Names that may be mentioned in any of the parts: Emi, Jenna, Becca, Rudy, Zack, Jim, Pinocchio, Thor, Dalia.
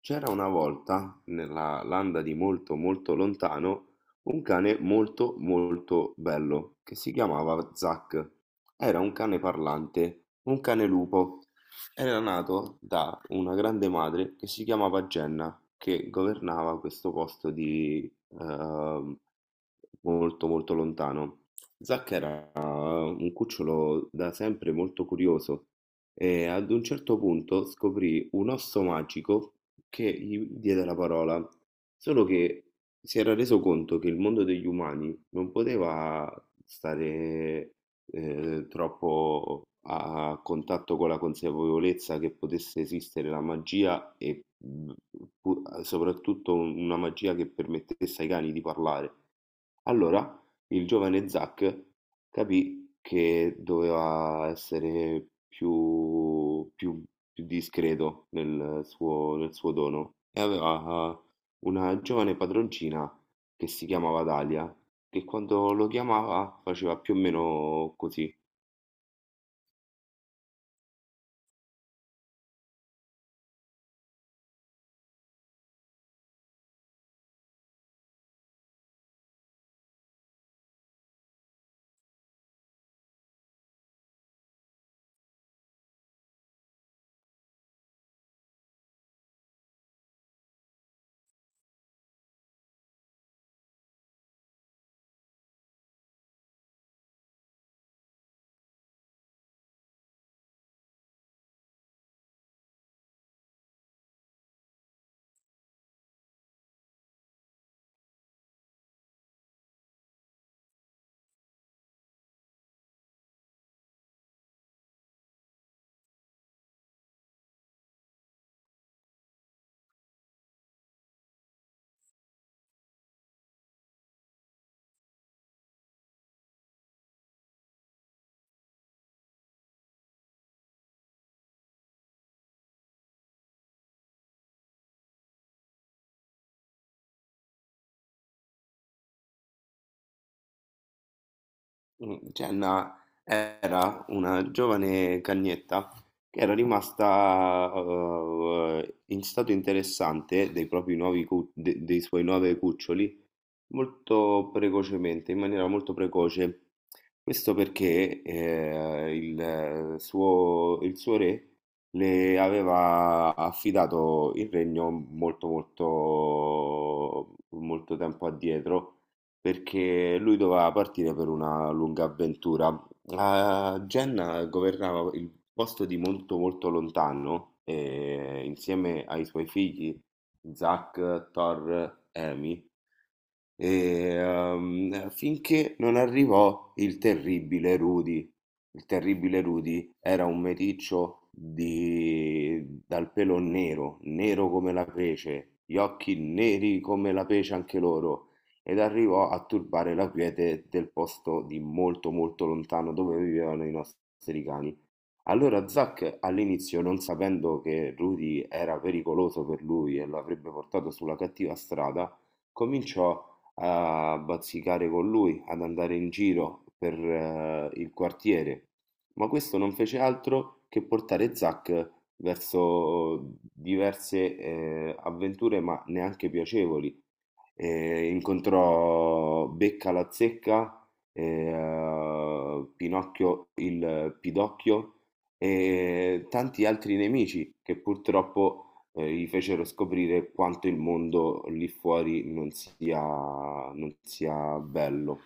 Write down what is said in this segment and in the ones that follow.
C'era una volta, nella landa di molto molto lontano, un cane molto molto bello che si chiamava Zack. Era un cane parlante, un cane lupo. Era nato da una grande madre che si chiamava Jenna, che governava questo posto di ehm, molto molto lontano. Zack era un cucciolo da sempre molto curioso e ad un certo punto scoprì un osso magico che gli diede la parola, solo che si era reso conto che il mondo degli umani non poteva stare troppo a contatto con la consapevolezza che potesse esistere la magia e soprattutto una magia che permettesse ai cani di parlare. Allora il giovane Zack capì che doveva essere più più discreto nel suo dono e aveva una giovane padroncina che si chiamava Dalia, che quando lo chiamava faceva più o meno così. Mm, cioè, era una giovane cagnetta che era rimasta in stato interessante dei propri nuovi dei suoi nuovi cuccioli molto precocemente, in maniera molto precoce. Questo perché il suo, il suo re le aveva affidato il regno molto, molto, molto tempo addietro, perché lui doveva partire per una lunga avventura. La Genna governava il posto di molto, molto lontano, e insieme ai suoi figli Zac, Thor, Emi e, finché non arrivò il terribile Rudy. Il terribile Rudy era un meticcio dal pelo nero, nero come la pece, gli occhi neri come la pece anche loro, ed arrivò a turbare la quiete del posto di molto molto lontano dove vivevano i nostri cani. Allora Zack all'inizio, non sapendo che Rudy era pericoloso per lui e lo avrebbe portato sulla cattiva strada, cominciò a bazzicare con lui, ad andare in giro per il quartiere, ma questo non fece altro che portare Zack verso diverse avventure, ma neanche piacevoli. Incontrò Becca la zecca, Pinocchio il Pidocchio e tanti altri nemici che purtroppo, gli fecero scoprire quanto il mondo lì fuori non sia bello.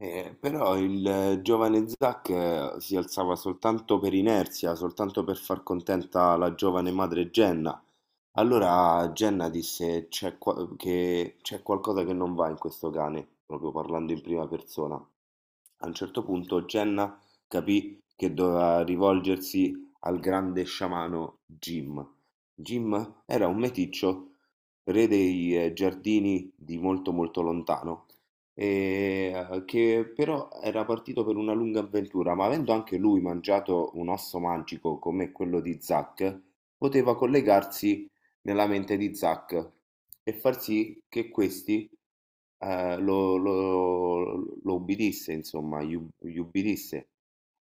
Però il giovane Zack si alzava soltanto per inerzia, soltanto per far contenta la giovane madre Jenna. Allora Jenna disse: «C'è che c'è qualcosa che non va in questo cane», proprio parlando in prima persona. A un certo punto Jenna capì che doveva rivolgersi al grande sciamano Jim. Jim era un meticcio, re dei giardini di molto molto lontano, e, che però era partito per una lunga avventura, ma avendo anche lui mangiato un osso magico come quello di Zack, poteva collegarsi nella mente di Zack e far sì che questi eh, lo, lo, lo ubbidisse, insomma, gli ubbidisse.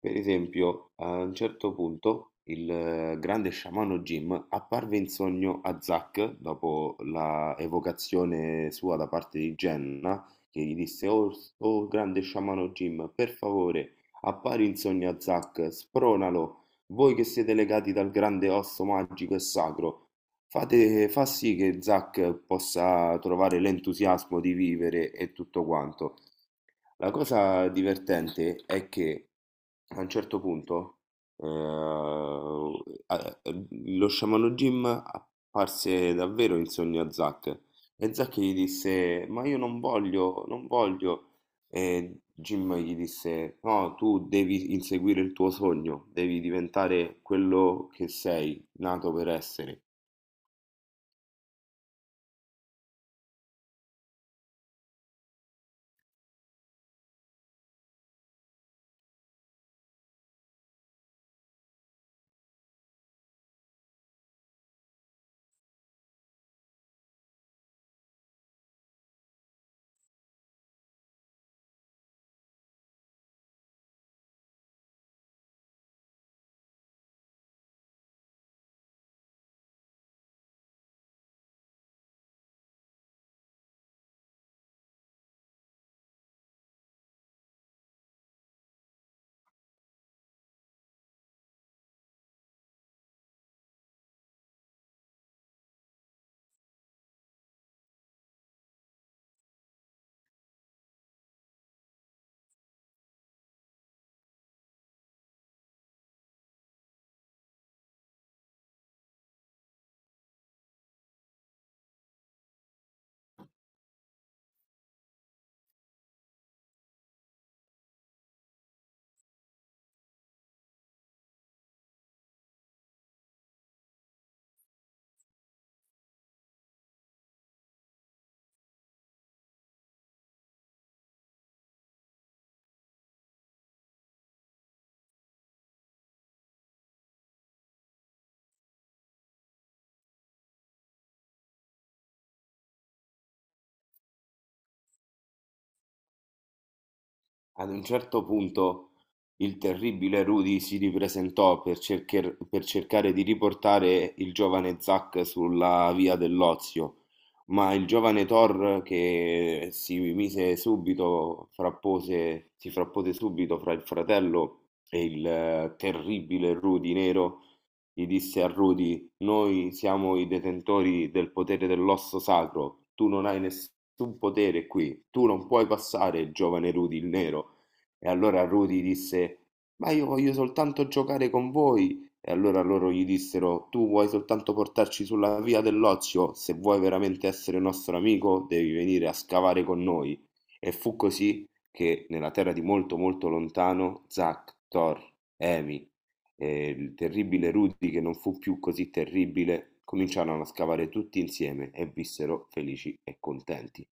Per esempio, a un certo punto il grande sciamano Jim apparve in sogno a Zack dopo la evocazione sua da parte di Jenna, che gli disse: «Oh, oh, grande sciamano Jim, per favore, appari in sogno a Zack, spronalo. Voi che siete legati dal grande osso magico e sacro, fa sì che Zack possa trovare l'entusiasmo di vivere e tutto quanto». La cosa divertente è che a un certo punto eh, a- ehm, lo sciamano Jim apparse davvero in sogno a Zack e Zack gli disse: «Ma io non voglio, non voglio». E Jim gli disse: «No, tu devi inseguire il tuo sogno, devi diventare quello che sei nato per essere». Ad un certo punto il terribile Rudy si ripresentò per per cercare di riportare il giovane Zack sulla via dell'ozio, ma il giovane Thor che si mise subito, frappose, si frappose subito fra il fratello e il terribile Rudy nero, gli disse a Rudy: «Noi siamo i detentori del potere dell'osso sacro. Tu non hai nessun potere qui. Tu non puoi passare, giovane Rudy il nero». E allora Rudy disse: «Ma io voglio soltanto giocare con voi». E allora loro gli dissero: «Tu vuoi soltanto portarci sulla via dell'ozio? Se vuoi veramente essere nostro amico, devi venire a scavare con noi». E fu così che nella terra di molto molto lontano Zack, Thor, Emi, e il terribile Rudy, che non fu più così terribile, cominciarono a scavare tutti insieme e vissero felici e contenti.